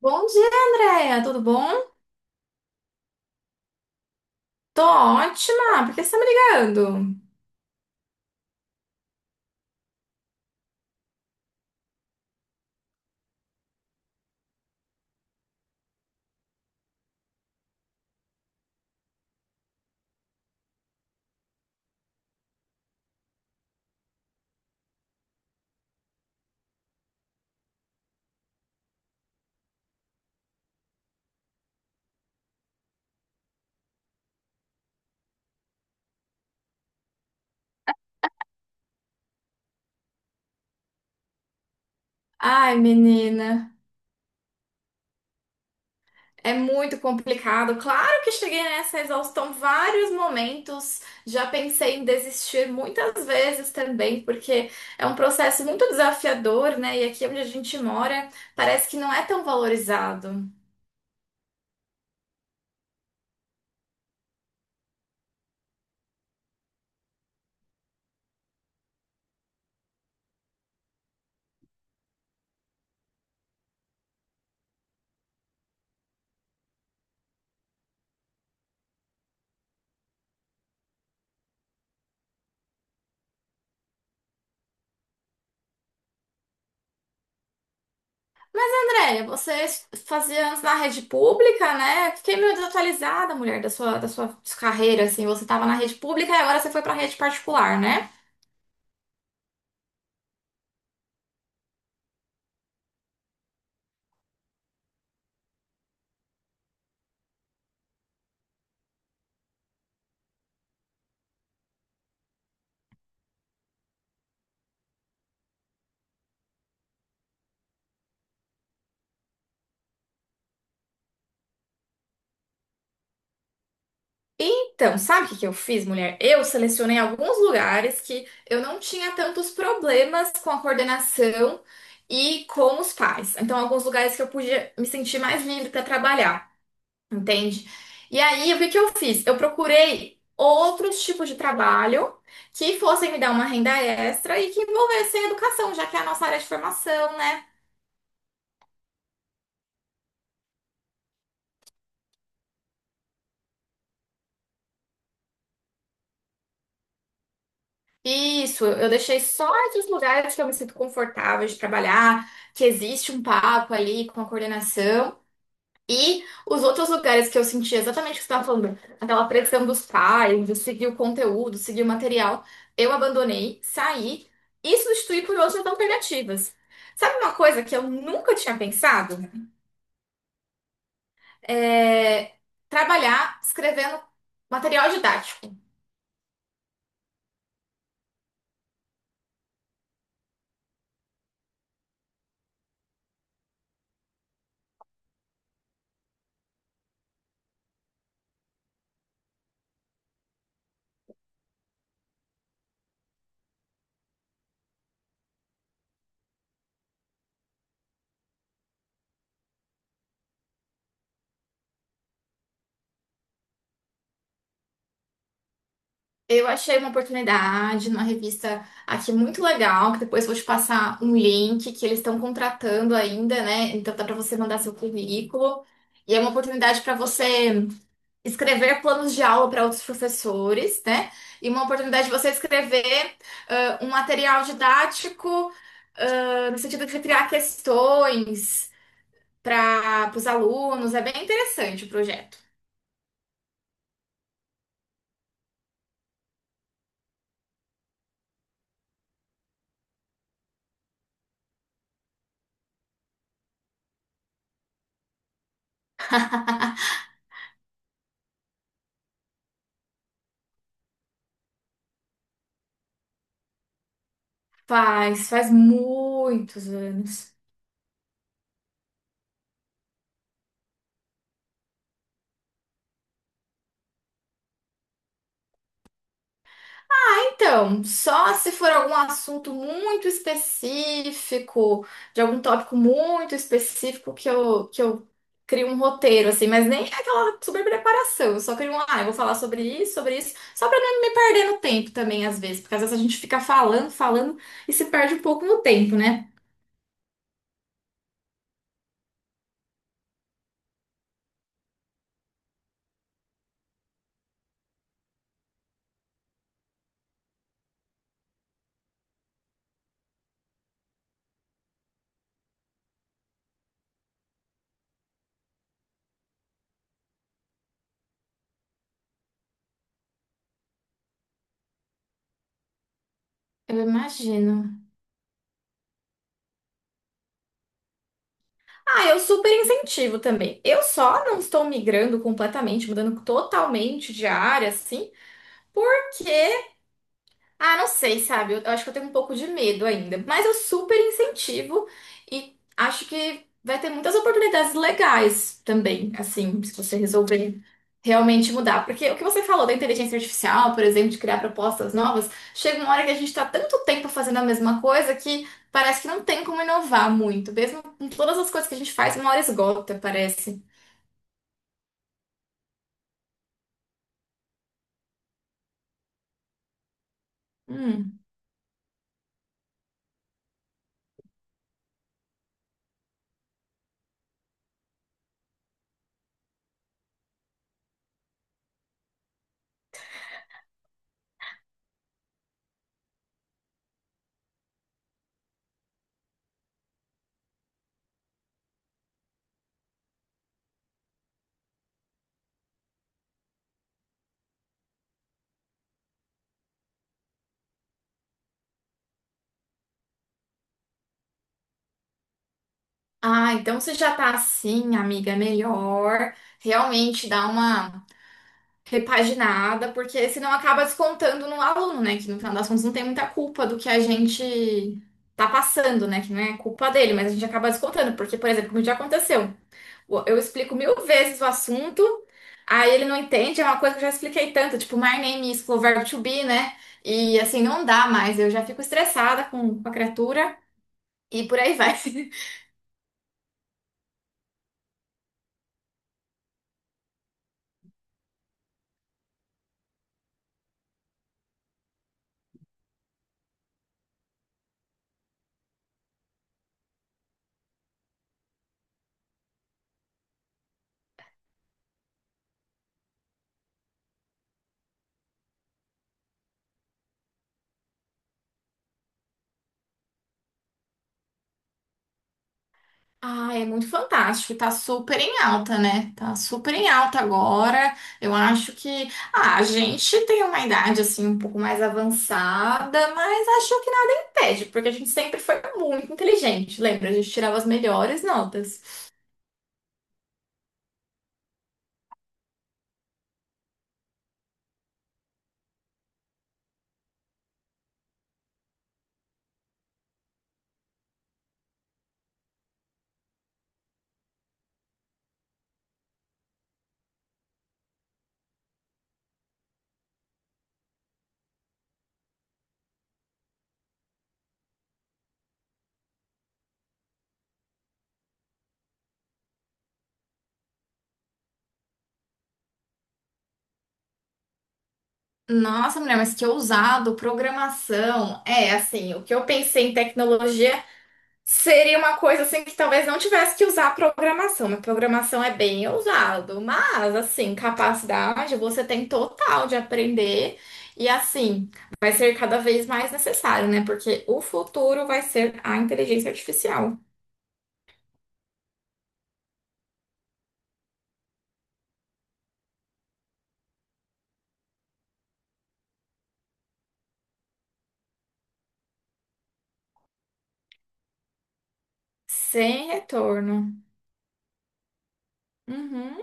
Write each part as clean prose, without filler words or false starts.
Bom dia, Andréia. Tudo bom? Tô ótima. Por que você tá me ligando? Ai, menina, é muito complicado. Claro que cheguei nessa exaustão vários momentos. Já pensei em desistir muitas vezes também, porque é um processo muito desafiador, né? E aqui onde a gente mora, parece que não é tão valorizado. Andréia, você fazia antes na rede pública, né? Fiquei meio desatualizada, mulher, da sua carreira, assim. Você tava na rede pública e agora você foi pra rede particular, né? Então, sabe o que que eu fiz, mulher? Eu selecionei alguns lugares que eu não tinha tantos problemas com a coordenação e com os pais. Então, alguns lugares que eu podia me sentir mais livre para trabalhar, entende? E aí, o que que eu fiz? Eu procurei outros tipos de trabalho que fossem me dar uma renda extra e que envolvessem educação, já que é a nossa área de formação, né? Isso, eu deixei só esses lugares que eu me sinto confortável de trabalhar, que existe um papo ali com a coordenação. E os outros lugares que eu senti exatamente o que você estava falando, aquela pressão dos pais, de seguir o conteúdo, seguir o material, eu abandonei, saí e substituí por outras alternativas. Sabe uma coisa que eu nunca tinha pensado? É trabalhar escrevendo material didático. Eu achei uma oportunidade numa revista aqui muito legal, que depois vou te passar um link que eles estão contratando ainda, né? Então dá para você mandar seu currículo. E é uma oportunidade para você escrever planos de aula para outros professores, né? E uma oportunidade de você escrever um material didático, no sentido de criar questões para os alunos. É bem interessante o projeto. Faz muitos anos. Então, só se for algum assunto muito específico, de algum tópico muito específico que eu crio um roteiro, assim, mas nem é aquela super preparação, eu só crio um, ah, eu vou falar sobre isso, só para não me perder no tempo também, às vezes, porque às vezes a gente fica falando, falando e se perde um pouco no tempo, né? Eu imagino. Ah, eu super incentivo também. Eu só não estou migrando completamente, mudando totalmente de área, assim, porque ah, não sei, sabe? Eu acho que eu tenho um pouco de medo ainda. Mas eu super incentivo e acho que vai ter muitas oportunidades legais também, assim, se você resolver realmente mudar. Porque o que você falou da inteligência artificial, por exemplo, de criar propostas novas, chega uma hora que a gente está tanto tempo fazendo a mesma coisa que parece que não tem como inovar muito. Mesmo com todas as coisas que a gente faz, uma hora esgota, parece. Hum. Ah, então você já tá assim, amiga, é melhor. Realmente dá uma repaginada, porque senão acaba descontando no aluno, né? Que no final das contas não tem muita culpa do que a gente tá passando, né? Que não é culpa dele, mas a gente acaba descontando, porque, por exemplo, como já aconteceu, eu explico mil vezes o assunto, aí ele não entende, é uma coisa que eu já expliquei tanto, tipo, my name is, o verbo to be, né? E assim, não dá mais, eu já fico estressada com a criatura e por aí vai. Ah, é muito fantástico, tá super em alta, né? Tá super em alta agora. Eu acho que a gente tem uma idade assim um pouco mais avançada, mas acho que nada impede, porque a gente sempre foi muito inteligente, lembra? A gente tirava as melhores notas. Nossa, mulher, mas que ousado, programação. É, assim, o que eu pensei em tecnologia seria uma coisa assim que talvez não tivesse que usar a programação, mas programação é bem usado. Mas, assim, capacidade você tem total de aprender e, assim, vai ser cada vez mais necessário, né? Porque o futuro vai ser a inteligência artificial, sem retorno. Uhum.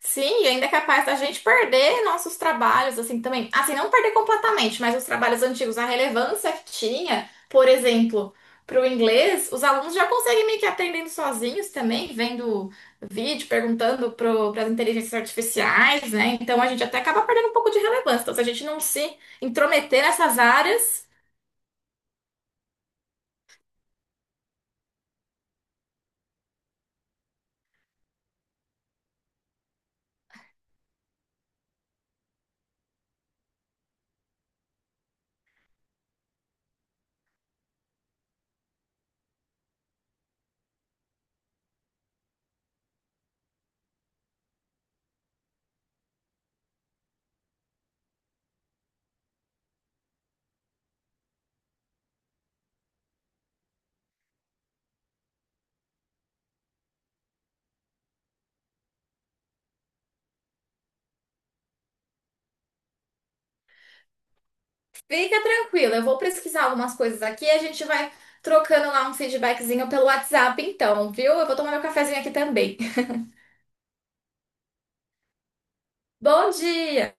Sim, e ainda é capaz da gente perder nossos trabalhos, assim, também. Assim, não perder completamente, mas os trabalhos antigos, a relevância que tinha, por exemplo, para o inglês, os alunos já conseguem meio que aprendendo sozinhos também, vendo vídeo, perguntando para as inteligências artificiais, né? Então a gente até acaba perdendo um pouco de relevância. Então, se a gente não se intrometer nessas áreas, fica tranquila. Eu vou pesquisar algumas coisas aqui e a gente vai trocando lá um feedbackzinho pelo WhatsApp, então, viu? Eu vou tomar meu cafezinho aqui também. Bom dia!